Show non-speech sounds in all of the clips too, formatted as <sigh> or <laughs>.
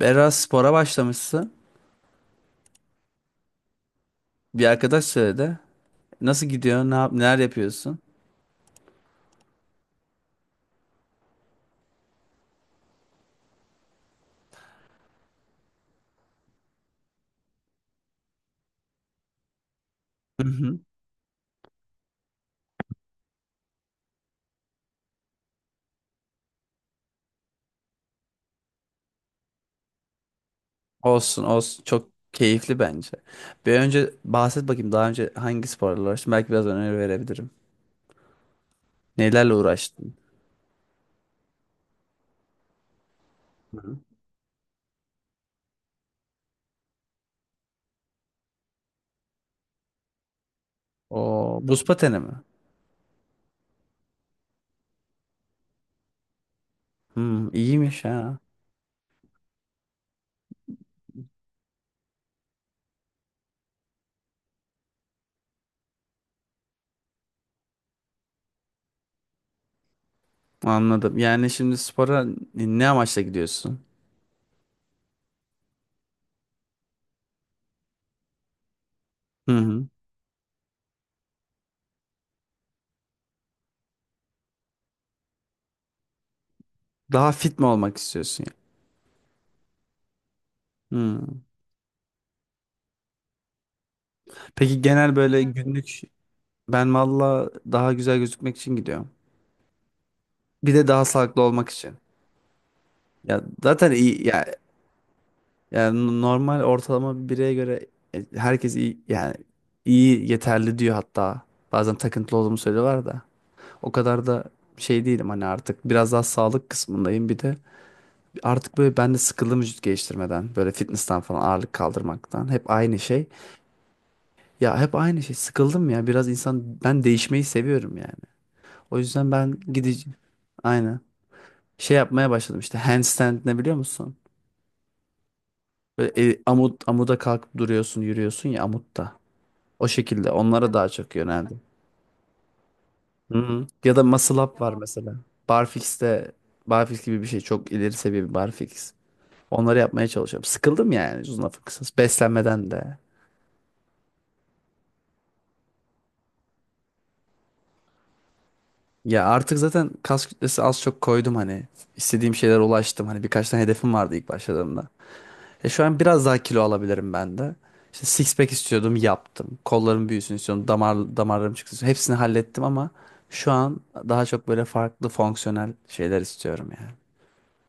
Biraz spora başlamışsın. Bir arkadaş söyledi. Nasıl gidiyor? Neler yapıyorsun? Hı hı. Olsun olsun. Çok keyifli bence. Bir önce bahset bakayım, daha önce hangi sporla uğraştın? Belki biraz öneri verebilirim. Nelerle uğraştın? O buz pateni mi? Hmm, iyiymiş ha. Anladım. Yani şimdi spora ne amaçla gidiyorsun? Hı hı. Daha fit mi olmak istiyorsun, ya? Hmm. Peki genel böyle günlük ben valla daha güzel gözükmek için gidiyorum. Bir de daha sağlıklı olmak için. Ya zaten iyi ya, yani normal ortalama bir bireye göre herkes iyi yani iyi yeterli diyor hatta. Bazen takıntılı olduğumu söylüyorlar da. O kadar da şey değilim hani, artık biraz daha sağlık kısmındayım, bir de artık böyle ben de sıkıldım vücut geliştirmeden, böyle fitness'tan falan, ağırlık kaldırmaktan, hep aynı şey. Ya hep aynı şey, sıkıldım ya, biraz insan, ben değişmeyi seviyorum yani. O yüzden ben gideceğim, aynen şey yapmaya başladım işte, handstand ne biliyor musun? Böyle, amuda kalkıp duruyorsun, yürüyorsun ya amutta. O şekilde onlara daha çok yöneldim. Hı-hı. Ya da muscle up var mesela. Barfix'te, barfix gibi bir şey, çok ileri seviye bir barfix. Onları yapmaya çalışıyorum. Sıkıldım yani, uzun lafı kısası. Beslenmeden de. Ya artık zaten kas kütlesi az çok koydum hani. İstediğim şeylere ulaştım. Hani birkaç tane hedefim vardı ilk başladığımda. Şu an biraz daha kilo alabilirim ben de. İşte six pack istiyordum, yaptım. Kollarım büyüsün istiyordum. Damarlarım çıksın istiyordum. Hepsini hallettim ama şu an daha çok böyle farklı fonksiyonel şeyler istiyorum yani.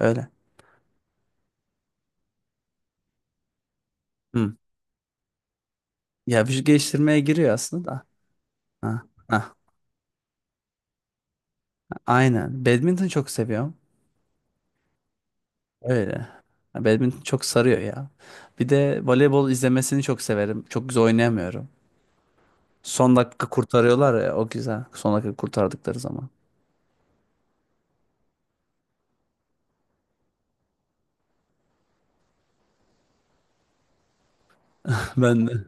Öyle. Hı. Ya vücut geliştirmeye giriyor aslında da. Ha, ha. Aynen. Badminton çok seviyorum. Öyle. Ya, Badminton çok sarıyor ya. Bir de voleybol izlemesini çok severim. Çok güzel oynayamıyorum. Son dakika kurtarıyorlar ya, o güzel. Son dakika kurtardıkları zaman. <laughs> Ben de.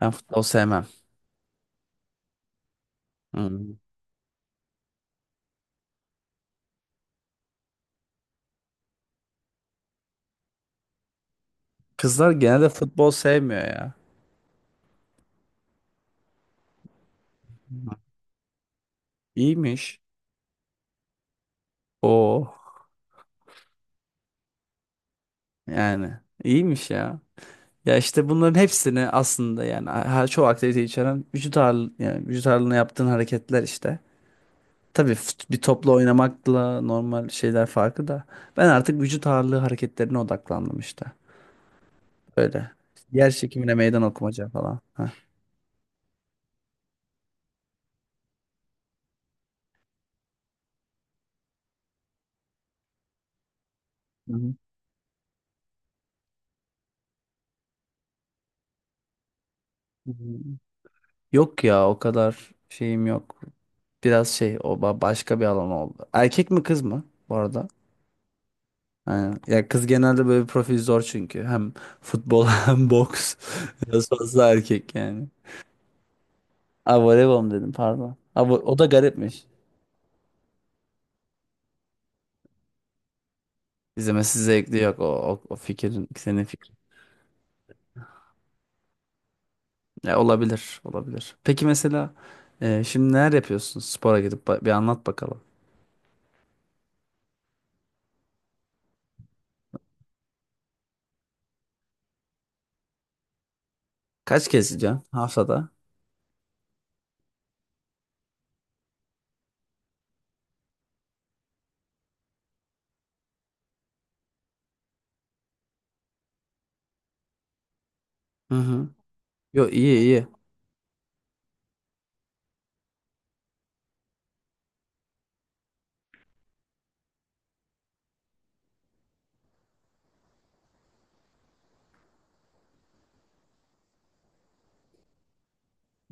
Ben futbol sevmem. Hmm. Kızlar genelde futbol sevmiyor ya. İyiymiş. Oo. Yani iyiymiş ya. Ya işte bunların hepsini aslında, yani her çoğu aktivite içeren vücut ağırlığı, yani vücut ağırlığına yaptığın hareketler işte. Tabii bir topla oynamakla normal şeyler farkı da, ben artık vücut ağırlığı hareketlerine odaklandım işte. Öyle. Yer çekimine meydan okumaca falan. Heh. Hı hı. Hı hı. Yok ya, o kadar şeyim yok. Biraz şey, o başka bir alan oldu. Erkek mi kız mı bu arada? Aynen. Ya kız genelde böyle bir profil zor çünkü. Hem futbol <laughs> hem boks. Biraz fazla erkek yani. Aa, voleybol mu dedim, pardon. O da garipmiş. İzlemesi zevkli, yok o fikrin, senin fikrin. Ya, olabilir olabilir. Peki mesela şimdi neler yapıyorsun spora gidip, bir anlat bakalım. Kaç kez gideceksin haftada? Hı hı. Yo iyi iyi.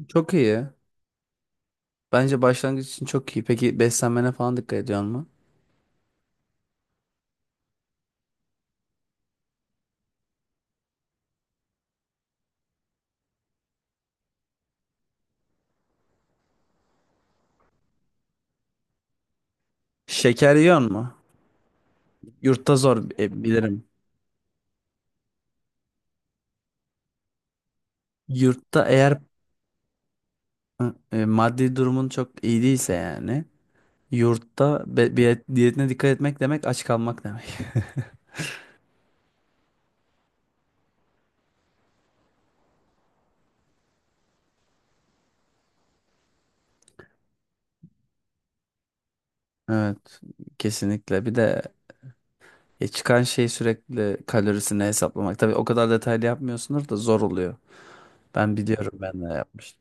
Çok iyi. Bence başlangıç için çok iyi. Peki beslenmene falan dikkat ediyorsun mu? Şeker yiyorsun mu? Yurtta zor, bilirim. Yurtta eğer... Ha, maddi durumun çok iyi değilse, yani yurtta bir diyetine dikkat etmek demek, aç kalmak demek. <laughs> Evet, kesinlikle, bir de çıkan şey, sürekli kalorisini hesaplamak. Tabii o kadar detaylı yapmıyorsunuz da zor oluyor. Ben biliyorum, ben de yapmıştım.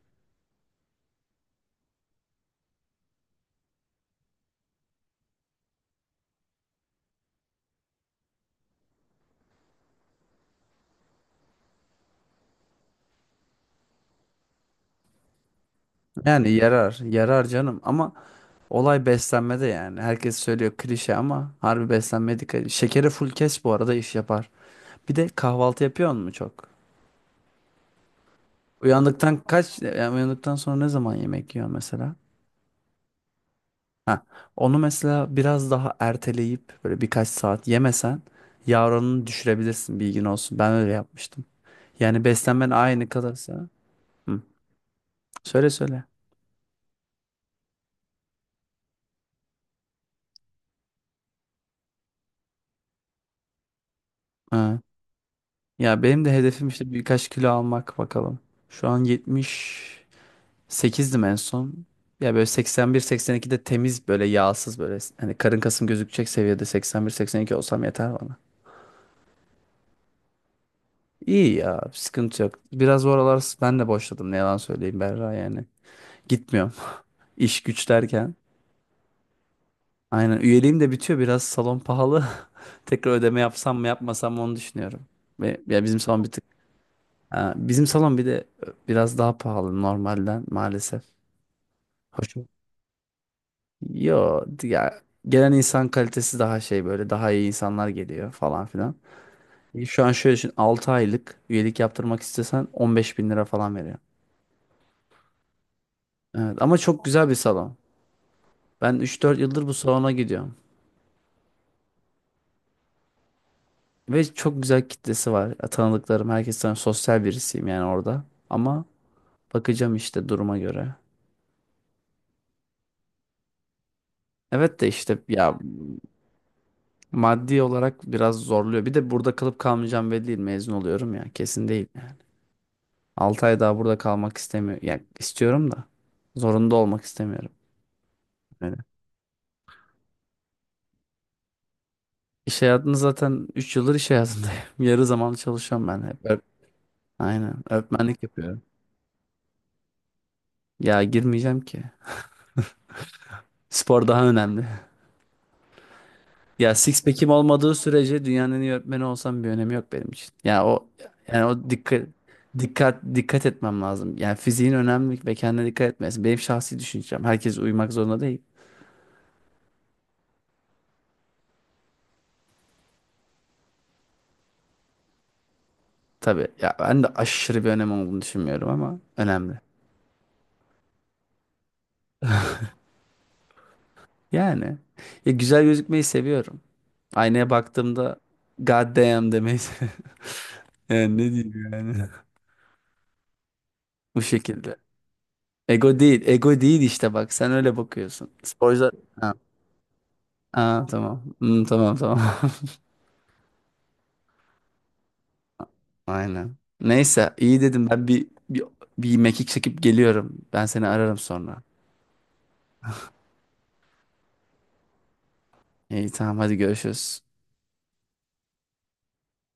Yani yarar yarar canım ama olay beslenmede yani. Herkes söylüyor klişe ama harbi, beslenmeye dikkat edin. Şekeri full kes, bu arada iş yapar. Bir de kahvaltı yapıyor mu çok? Uyandıktan kaç, yani uyandıktan sonra ne zaman yemek yiyor mesela? Ha, onu mesela biraz daha erteleyip böyle birkaç saat yemesen, yağ oranını düşürebilirsin, bilgin olsun. Ben öyle yapmıştım. Yani beslenmen aynı kalırsa. Hı. Söyle söyle. Ha. Ya benim de hedefim işte birkaç kilo almak, bakalım. Şu an 78'dim, en son. Ya böyle 81-82'de, temiz böyle yağsız, böyle hani karın kasım gözükecek seviyede, 81 82 olsam yeter bana. İyi ya, sıkıntı yok. Biraz bu aralar ben de boşladım, ne yalan söyleyeyim Berra yani. Gitmiyor. İş güç derken. Aynen, üyeliğim de bitiyor, biraz salon pahalı. <laughs> Tekrar ödeme yapsam mı yapmasam mı, onu düşünüyorum. Ve ya bizim salon bir tık... Ha, bizim salon bir de biraz daha pahalı normalden maalesef. Hoş mu? Yo ya, gelen insan kalitesi daha şey, böyle daha iyi insanlar geliyor falan filan. Şu an şöyle düşün, 6 aylık üyelik yaptırmak istesen 15 bin lira falan veriyor. Evet ama çok güzel bir salon. Ben 3-4 yıldır bu salona gidiyorum. Ve çok güzel kitlesi var. Ya, tanıdıklarım herkes, sosyal birisiyim yani orada. Ama bakacağım işte duruma göre. Evet de işte ya, maddi olarak biraz zorluyor. Bir de burada kalıp kalmayacağım belli değil. Mezun oluyorum ya, kesin değil. 6 ay daha burada kalmak istemiyorum. Yani istiyorum da zorunda olmak istemiyorum. Öyle. İş hayatını zaten 3 yıldır iş hayatındayım. <laughs> Yarı zamanlı çalışıyorum ben hep. Öğretmenlik... Aynen. Öğretmenlik yapıyorum. Ya girmeyeceğim ki. Spor daha önemli. Ya six pack'im olmadığı sürece dünyanın en iyi öğretmeni olsam bir önemi yok benim için. Ya o yani, o dikkat etmem lazım. Yani fiziğin önemli ve kendine dikkat etmesi benim şahsi düşüncem. Herkes uyumak zorunda değil. Tabii ya, ben de aşırı bir önem olduğunu düşünmüyorum ama önemli. Yani, ya güzel gözükmeyi seviyorum. Aynaya baktığımda God damn demeyi seviyorum. <laughs> Yani ne diyeyim yani. <laughs> Bu şekilde. Ego değil. Ego değil işte bak. Sen öyle bakıyorsun. Sporcular... Aa, tamam. Hmm, tamam tamam. <laughs> Aynen. Neyse, iyi, dedim ben bir mekik çekip geliyorum. Ben seni ararım sonra. İyi, tamam, hadi görüşürüz.